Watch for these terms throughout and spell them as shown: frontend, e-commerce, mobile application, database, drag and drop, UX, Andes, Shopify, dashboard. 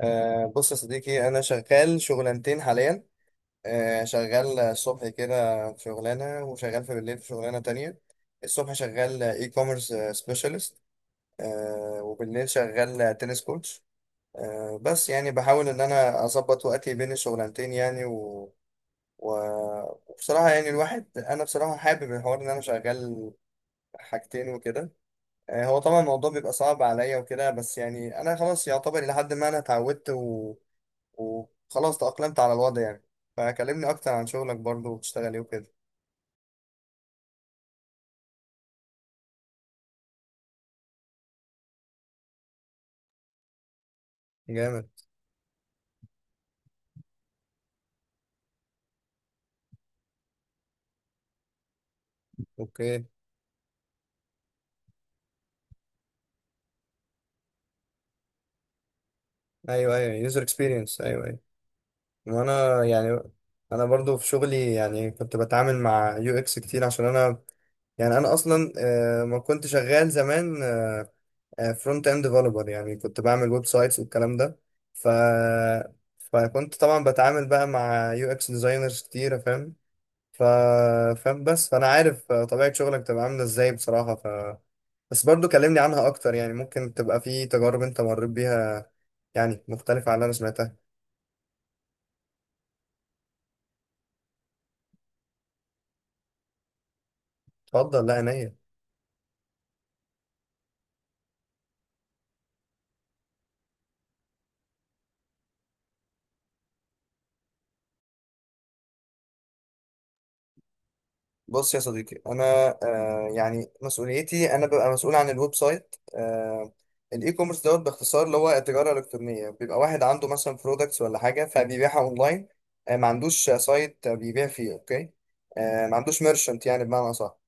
أه، بص يا صديقي، أنا شغال شغلانتين حاليا. شغال الصبح كده في شغلانة، وشغال بالليل في شغلانة تانية. الصبح شغال اي كوميرس سبيشالست، وبالليل شغال تنس كوتش. بس يعني بحاول إن أنا أظبط وقتي بين الشغلانتين يعني و... وبصراحة يعني الواحد، أنا بصراحة حابب الحوار إن أنا شغال حاجتين وكده. هو طبعا الموضوع بيبقى صعب عليا وكده، بس يعني أنا خلاص يعتبر إلى حد ما أنا اتعودت، وخلاص تأقلمت على الوضع يعني. فكلمني أكتر عن شغلك برضو، وبتشتغل إيه وكده. جامد. اوكي. ايوه ايوه، يوزر اكسبيرينس، ايوه ايوه. وانا يعني انا برضو في شغلي، يعني كنت بتعامل مع يو اكس كتير عشان انا، يعني انا اصلا ما كنت شغال زمان فرونت اند ديفلوبر، يعني كنت بعمل ويب سايتس والكلام ده. ف فكنت طبعا بتعامل بقى مع يو اكس ديزاينرز كتير، فاهم. ف فاهم، بس فانا عارف طبيعة شغلك تبقى عاملة ازاي بصراحة. بس برضو كلمني عنها اكتر، يعني ممكن تبقى في تجارب انت مريت بيها يعني مختلفة عن اللي انا سمعتها. اتفضل، لا عينيا. بص يا صديقي انا، يعني مسؤوليتي، انا ببقى مسؤول عن الويب سايت. الاي كوميرس دوت باختصار، اللي هو التجاره الالكترونيه، بيبقى واحد عنده مثلا برودكتس ولا حاجه فبيبيعها اونلاين. ما عندوش سايت بيبيع فيه، اوكي. ما عندوش ميرشنت يعني، بمعنى صح.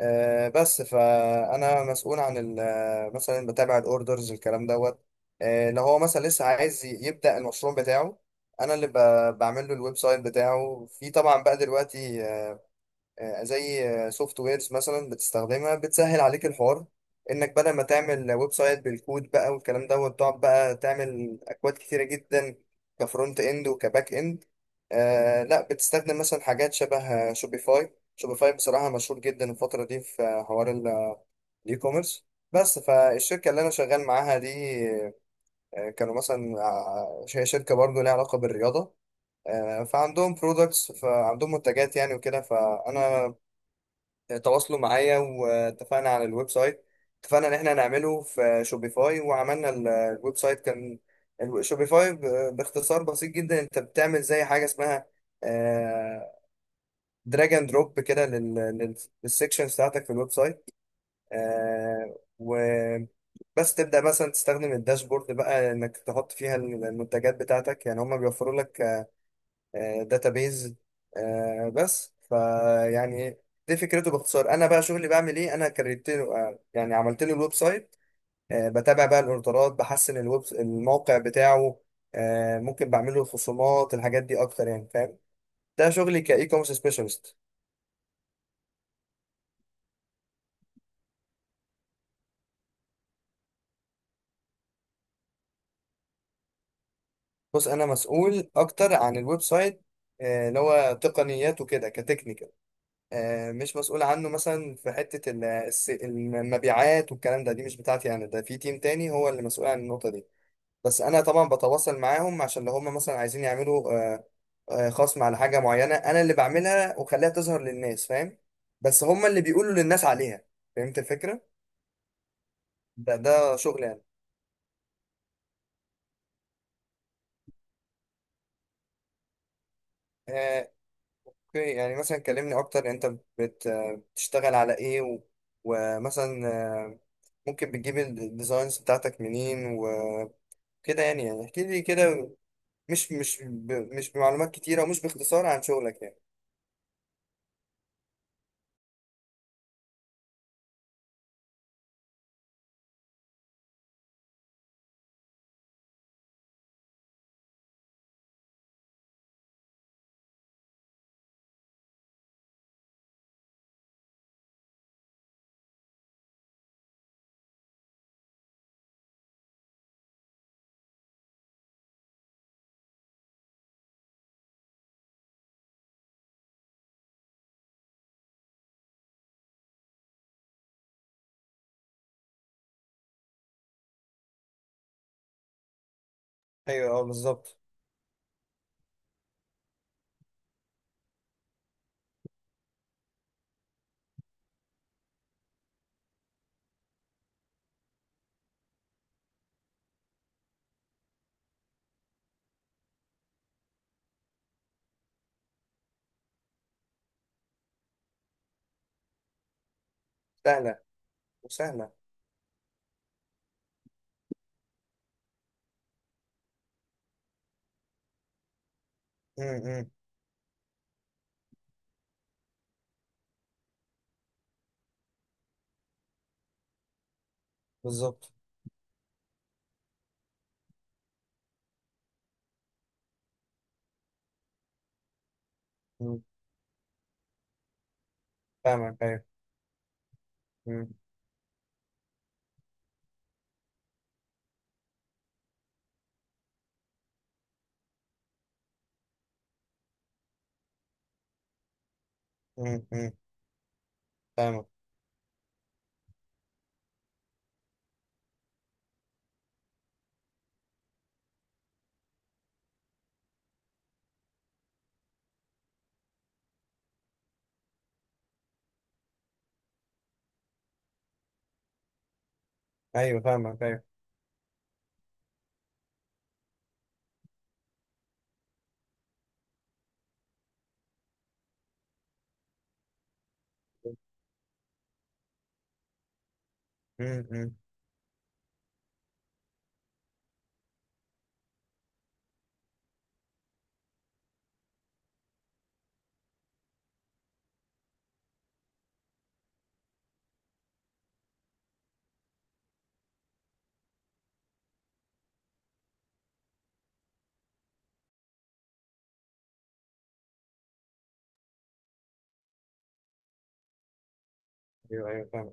بس فانا مسؤول عن مثلا بتابع الاوردرز الكلام دوت. لو هو مثلا لسه عايز يبدا المشروع بتاعه، انا اللي بعمل له الويب سايت بتاعه. في طبعا بقى دلوقتي زي سوفت ويرز مثلا بتستخدمها بتسهل عليك الحوار، انك بدل ما تعمل ويب سايت بالكود بقى والكلام ده، وتقعد بقى تعمل اكواد كتيره جدا كفرونت اند وكباك اند. آه، لا، بتستخدم مثلا حاجات شبه شوبيفاي. شوبيفاي بصراحه مشهور جدا الفتره دي في حوار الاي كوميرس. بس فالشركه اللي انا شغال معاها دي، كانوا مثلا هي شركه برضه ليها علاقه بالرياضه. فعندهم برودكتس، فعندهم منتجات يعني وكده، فانا تواصلوا معايا واتفقنا على الويب سايت. اتفقنا ان احنا هنعمله في شوبيفاي، وعملنا الويب سايت. كان شوبيفاي باختصار بسيط جدا، انت بتعمل زي حاجه اسمها دراج اند دروب كده للسكشن بتاعتك في الويب سايت. آه، و بس تبدأ مثلا تستخدم الداشبورد بقى انك تحط فيها المنتجات بتاعتك، يعني هم بيوفروا لك داتابيز. بس فيعني دي فكرته باختصار. انا بقى شغلي بعمل ايه، انا كريت له، يعني عملت له الويب سايت. بتابع بقى الاوردرات، بحسن الموقع بتاعه. ممكن بعمل له خصومات، الحاجات دي اكتر يعني، فاهم. ده شغلي كاي كوميرس سبيشالست. بص، انا مسؤول اكتر عن الويب سايت، اللي هو تقنيات وكده، كتكنيكال. مش مسؤول عنه مثلا في حتة المبيعات والكلام ده، دي مش بتاعتي انا. ده في تيم تاني هو اللي مسؤول عن النقطة دي. بس انا طبعا بتواصل معاهم عشان لو هم مثلا عايزين يعملوا خصم على حاجه معينه، انا اللي بعملها وخليها تظهر للناس، فاهم. بس هم اللي بيقولوا للناس عليها. فهمت الفكره. ده شغل يعني. آه، اوكي، يعني مثلا كلمني اكتر. انت بتشتغل على ايه ومثلا، آه، ممكن بتجيب الديزاينز بتاعتك منين وكده. يعني احكي لي كده، مش بمعلومات كتيره، ومش باختصار عن شغلك يعني. ايوه اه، بالظبط. سهله وسهله. م- م. بالظبط. مم. فاهمك ايوه. مم. مم. مم. فاهمك ايوه. فاهمك ايوه. مم. مم. ايوه ايوه، فاهمك.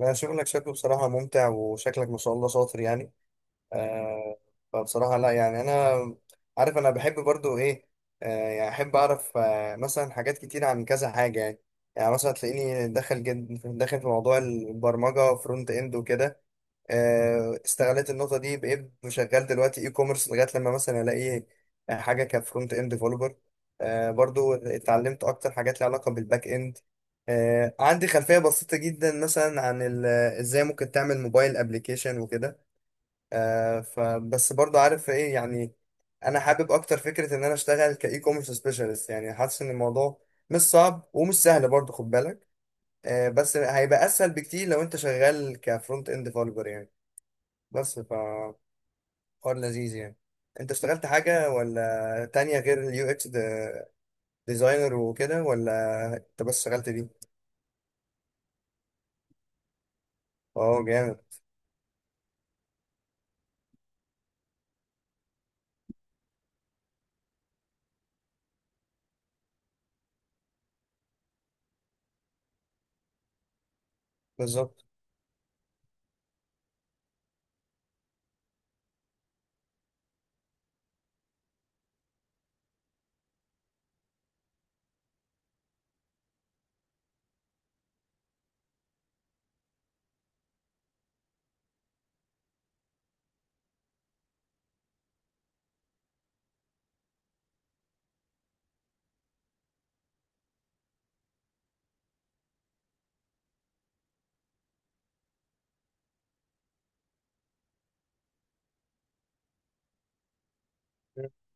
لا، شغلك شكله بصراحة ممتع، وشكلك ما شاء الله شاطر يعني. آه فبصراحة لا، يعني انا عارف انا بحب برضو ايه. يعني احب اعرف مثلا حاجات كتير عن كذا حاجة يعني. يعني مثلا تلاقيني داخل جد داخل في موضوع البرمجة فرونت اند وكده. استغلت النقطه دي بقيت شغال دلوقتي اي كوميرس، لغايه لما مثلا الاقي حاجه كفرونت اند ديفلوبر. برضو اتعلمت اكتر حاجات ليها علاقه بالباك اند. عندي خلفيه بسيطه جدا مثلا عن ازاي ممكن تعمل موبايل ابلكيشن وكده. فبس برضو عارف ايه يعني، انا حابب اكتر فكره ان انا اشتغل كاي كوميرس سبيشالست، يعني حاسس ان الموضوع مش صعب ومش سهل برضو، خد بالك. بس هيبقى اسهل بكتير لو انت شغال كفرونت اند ديفلوبر يعني. بس ف حوار لذيذ يعني. انت اشتغلت حاجة ولا تانية غير اليو اكس ديزاينر وكده، ولا انت بس اشتغلت دي؟ اه جامد. بالظبط.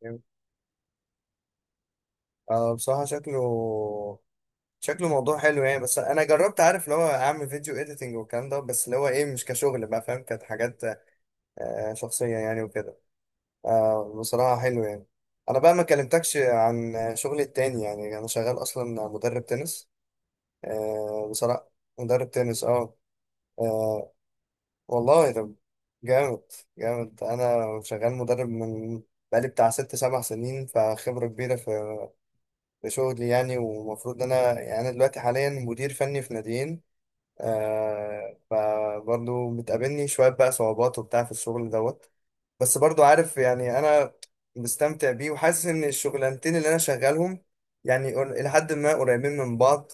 جامد. اه بصراحة، شكله موضوع حلو يعني. بس انا جربت، عارف اللي هو اعمل فيديو اديتنج والكلام ده، بس اللي هو ايه، مش كشغل بقى فاهم. كانت حاجات شخصية يعني وكده. آه، بصراحة حلو يعني. انا بقى ما كلمتكش عن شغلي التاني، يعني انا شغال اصلا مدرب تنس. آه، بصراحة مدرب تنس، اه. آه. والله، ده جامد. جامد، انا شغال مدرب من، بقالي بتاع 6 7 سنين، فخبرة كبيرة في شغلي يعني. ومفروض إن انا، يعني انا دلوقتي حاليا مدير فني في ناديين. فبرضه بتقابلني شوية بقى صعوبات وبتاع في الشغل دوت. بس برضو عارف يعني انا مستمتع بيه، وحاسس ان الشغلانتين اللي انا شغالهم يعني لحد ما قريبين من بعض.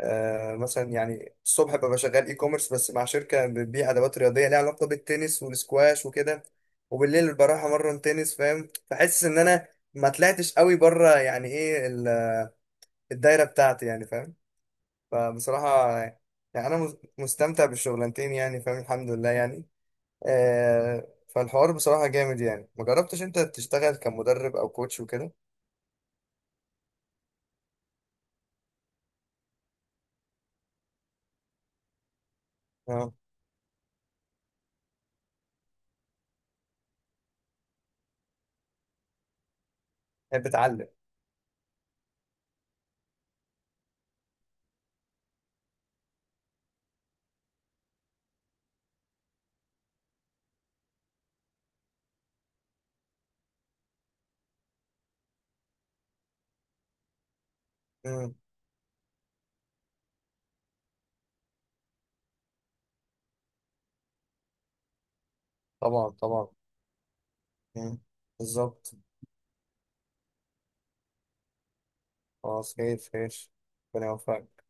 مثلا يعني الصبح ببقى شغال اي كوميرس، بس مع شركه بتبيع ادوات رياضيه ليها علاقه بالتنس والسكواش وكده، وبالليل بروح امرن تنس، فاهم. فحاسس ان انا ما طلعتش قوي بره، يعني ايه الدايره بتاعتي يعني، فاهم. فبصراحه يعني انا مستمتع بالشغلانتين، يعني فاهم، الحمد لله يعني. فالحوار بصراحة جامد يعني. ما جربتش انت تشتغل كمدرب او كوتش وكده؟ اه. تحب تعلم. امم. طبعا طبعا. امم. بالظبط. خلاص، خير خير. ربنا يوفقك.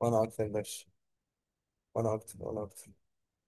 وانا اكتر يا باشا. وانا اكتر وانا اكتر.